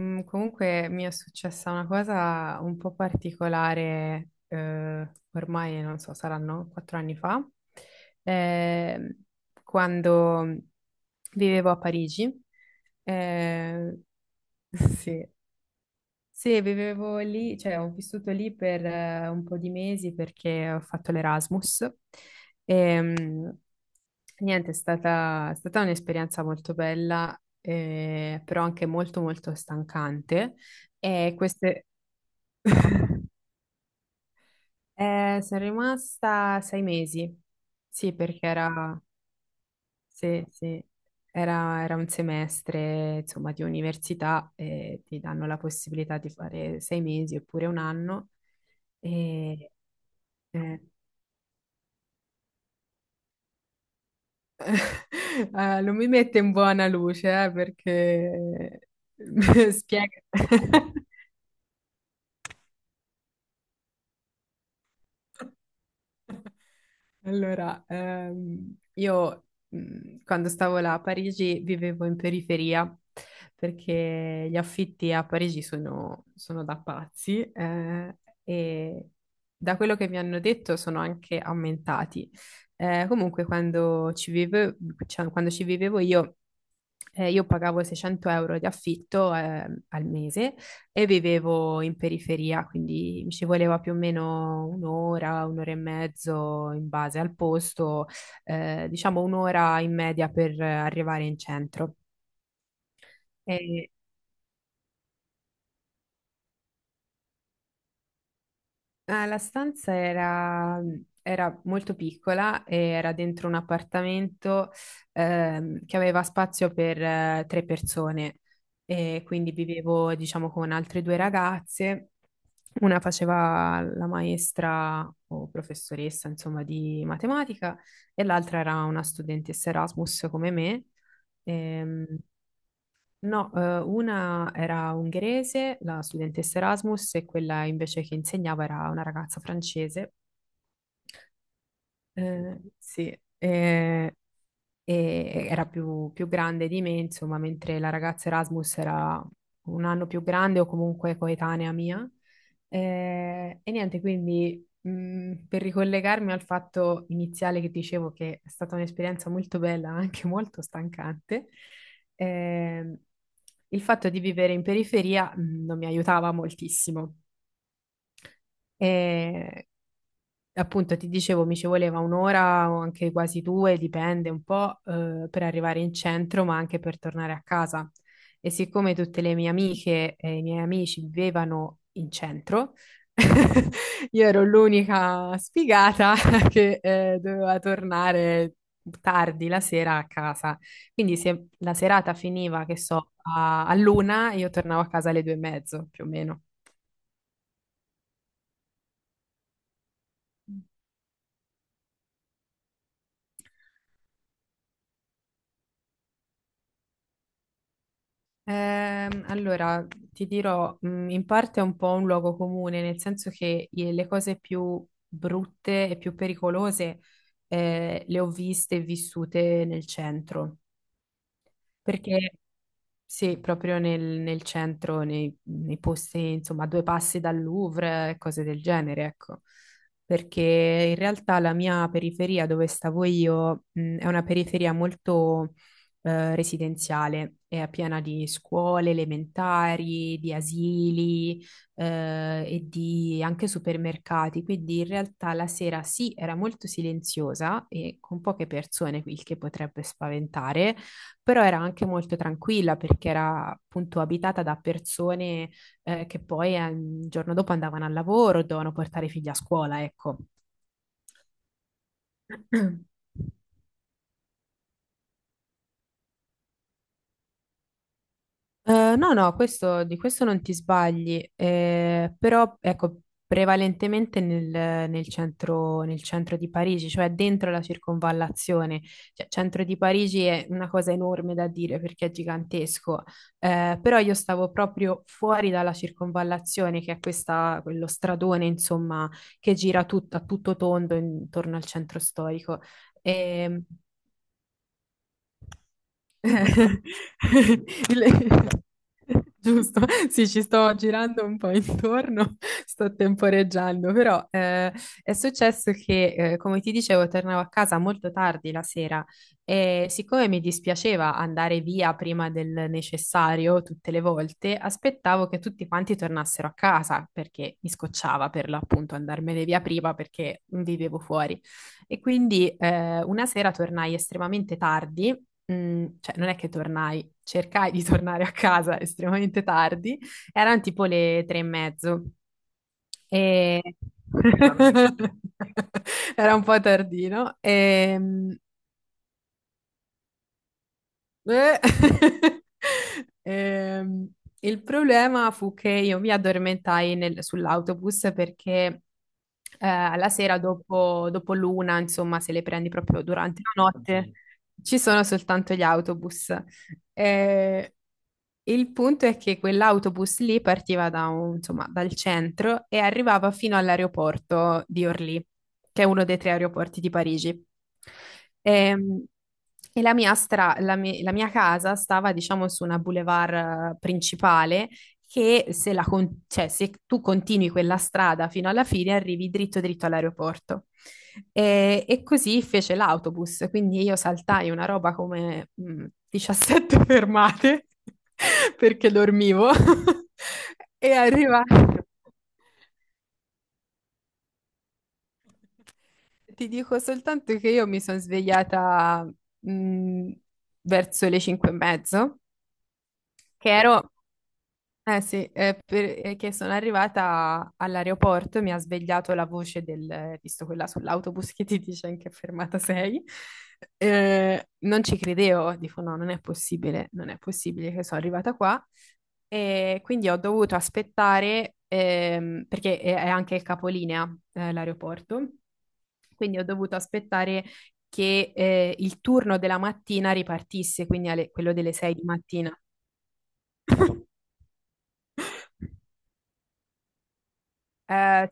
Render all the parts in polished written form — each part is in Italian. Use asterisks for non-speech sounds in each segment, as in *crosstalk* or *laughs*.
Comunque mi è successa una cosa un po' particolare, ormai non so, saranno 4 anni fa, eh, quando vivevo a Parigi. Eh, *laughs* sì, sì, vivevo lì, cioè ho vissuto lì per un po' di mesi perché ho fatto l'Erasmus. Ehm, Niente, è stata un'esperienza molto bella, però anche molto molto stancante. E queste... *laughs* sono rimasta 6 mesi, sì, perché era. Sì, sì, era un semestre, insomma, di università e ti danno la possibilità di fare 6 mesi oppure un anno e eh, *laughs* non mi mette in buona luce, perché *laughs* spiega. *laughs* Allora, io quando stavo là a Parigi vivevo in periferia perché gli affitti a Parigi sono da pazzi, e da quello che mi hanno detto sono anche aumentati. Comunque cioè, quando ci vivevo io pagavo 600 euro di affitto al mese e vivevo in periferia, quindi mi ci voleva più o meno un'ora, un'ora e mezzo in base al posto, diciamo un'ora in media per arrivare in centro. E- Ah, la stanza era molto piccola e era dentro un appartamento, che aveva spazio per tre persone e quindi vivevo, diciamo, con altre due ragazze. Una faceva la maestra o professoressa, insomma, di matematica e l'altra era una studentessa Erasmus come me. Ehm, No, una era ungherese, la studentessa Erasmus, e quella invece che insegnava era una ragazza francese. Sì, e era più grande di me, insomma, mentre la ragazza Erasmus era un anno più grande o comunque coetanea mia. E niente, quindi per ricollegarmi al fatto iniziale che dicevo che è stata un'esperienza molto bella, *laughs* ma anche molto stancante, ehm, il fatto di vivere in periferia non mi aiutava moltissimo. Eh, Appunto, ti dicevo, mi ci voleva un'ora o anche quasi due, dipende un po', per arrivare in centro, ma anche per tornare a casa. E siccome tutte le mie amiche e i miei amici vivevano in centro, *laughs* io ero l'unica sfigata *laughs* che, doveva tornare tardi la sera a casa. Quindi se la serata finiva, che so, all'una, io tornavo a casa alle 2:30, più o meno. Allora, ti dirò, in parte è un po' un luogo comune, nel senso che le cose più brutte e più pericolose, le ho viste e vissute nel centro. Perché sì, proprio nel centro, nei posti, insomma, a due passi dal Louvre, e cose del genere, ecco. Perché in realtà la mia periferia dove stavo io, è una periferia molto residenziale, è piena di scuole elementari, di asili, e di anche supermercati. Quindi in realtà la sera sì, era molto silenziosa e con poche persone, il che potrebbe spaventare, però era anche molto tranquilla perché era appunto abitata da persone che poi il giorno dopo andavano al lavoro, dovevano portare i figli a scuola, ecco. *clears throat* No, no, di questo non ti sbagli, però ecco, prevalentemente nel centro di Parigi, cioè dentro la circonvallazione. Cioè, centro di Parigi è una cosa enorme da dire perché è gigantesco, però io stavo proprio fuori dalla circonvallazione, che è questa, quello stradone, insomma, che gira a tutto tondo intorno al centro storico. Ehm, *laughs* Il- *laughs* Giusto, sì, ci sto girando un po' intorno, sto temporeggiando, però è successo che, come ti dicevo, tornavo a casa molto tardi la sera, e siccome mi dispiaceva andare via prima del necessario tutte le volte, aspettavo che tutti quanti tornassero a casa perché mi scocciava per l'appunto andarmene via prima perché vivevo fuori. E quindi una sera tornai estremamente tardi, cioè non è che tornai, cercai di tornare a casa estremamente tardi, eran tipo le 3 e mezzo e *laughs* era un po' tardino. Eh, *laughs* ehm, il problema fu che io mi addormentai sull'autobus perché, alla sera dopo l'una, insomma, se le prendi proprio durante la notte, ci sono soltanto gli autobus. Eh, il punto è che quell'autobus lì partiva da insomma, dal centro e arrivava fino all'aeroporto di Orly, che è uno dei tre aeroporti di Parigi. Ehm, E, la mia, stra- la mi- la mia casa stava, diciamo, su una boulevard principale che se, la con- cioè, se tu continui quella strada fino alla fine arrivi dritto dritto all'aeroporto. E così fece l'autobus, quindi io saltai una roba come 17 fermate *laughs* perché dormivo *laughs* e arriva. Ti dico soltanto che io mi sono svegliata mh, verso le 5 e mezzo. Che ero Eh sì, perché sono arrivata all'aeroporto e mi ha svegliato la voce del, visto quella sull'autobus che ti dice in che fermata sei, non ci credevo, dico no, non è possibile, non è possibile che sono arrivata qua, e quindi ho dovuto aspettare, perché è anche il capolinea, l'aeroporto, quindi ho dovuto aspettare che il turno della mattina ripartisse, quindi quello delle 6 di mattina. Eh,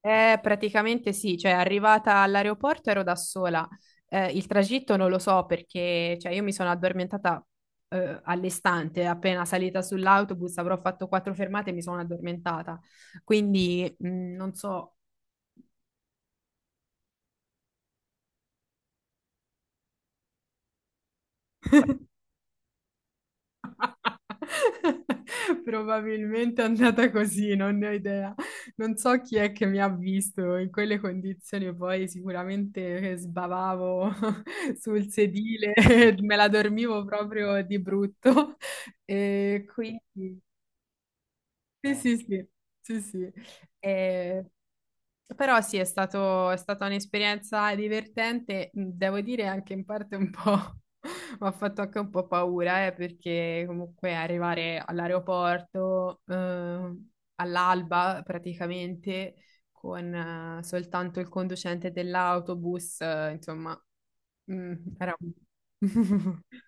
praticamente sì, cioè arrivata all'aeroporto ero da sola. Il tragitto non lo so perché cioè, io mi sono addormentata all'istante, appena salita sull'autobus avrò fatto quattro fermate e mi sono addormentata. Quindi non so. *laughs* Probabilmente è andata così, non ne ho idea. Non so chi è che mi ha visto in quelle condizioni, poi sicuramente sbavavo *laughs* sul sedile, *laughs* me la dormivo proprio di brutto. E quindi sì, sì, sì, sì, sì. Eh, però sì, è stata un'esperienza divertente, devo dire anche in parte un po', *laughs* mi ha fatto anche un po' paura, perché comunque arrivare all'aeroporto, all'alba praticamente, con, soltanto il conducente dell'autobus, insomma, era un. *laughs*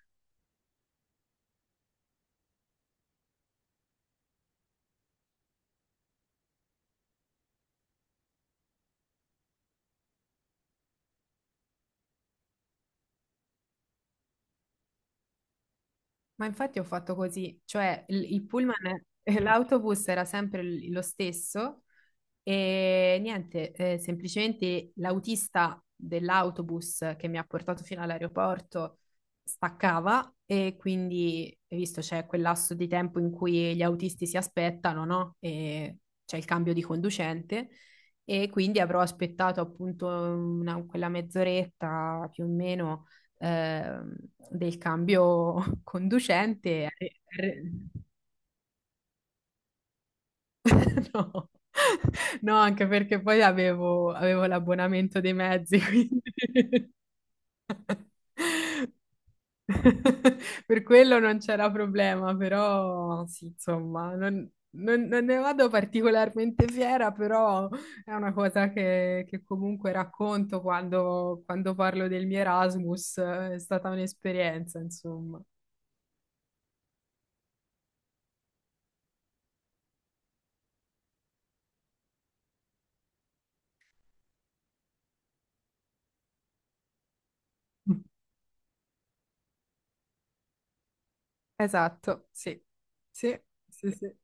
Ma infatti ho fatto così, cioè il pullman *laughs* e l'autobus era sempre lo stesso, e niente, semplicemente l'autista dell'autobus che mi ha portato fino all'aeroporto staccava e quindi, hai visto, c'è quel lasso di tempo in cui gli autisti si aspettano, no? E c'è il cambio di conducente, e quindi avrò aspettato appunto quella mezz'oretta più o meno, eh, del cambio *laughs* conducente. *laughs* No. *laughs* No, anche perché poi avevo l'abbonamento dei mezzi, quindi *laughs* per quello non c'era problema, però sì, insomma, non ne vado particolarmente fiera, però è una cosa che comunque racconto quando parlo del mio Erasmus, è stata un'esperienza, insomma. Esatto, sì, sì, sì, sì.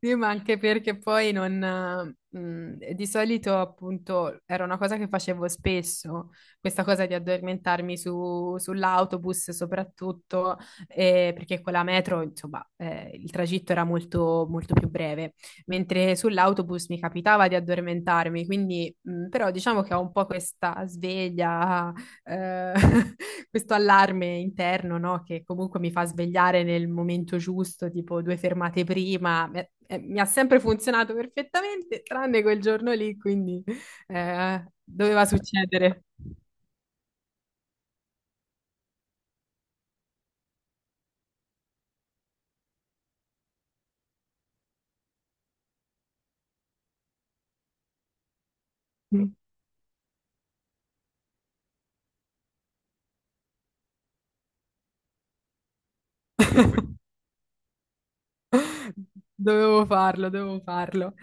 Sì, ma anche perché poi non, di solito appunto era una cosa che facevo spesso, questa cosa di addormentarmi sull'autobus soprattutto, perché con la metro insomma, il tragitto era molto, molto più breve, mentre sull'autobus mi capitava di addormentarmi, quindi però diciamo che ho un po' questa sveglia, eh, *laughs* questo allarme interno, no? Che comunque mi fa svegliare nel momento giusto, tipo due fermate prima. Mi ha sempre funzionato perfettamente, tranne quel giorno lì, quindi doveva succedere. *laughs* Dovevo farlo, dovevo farlo.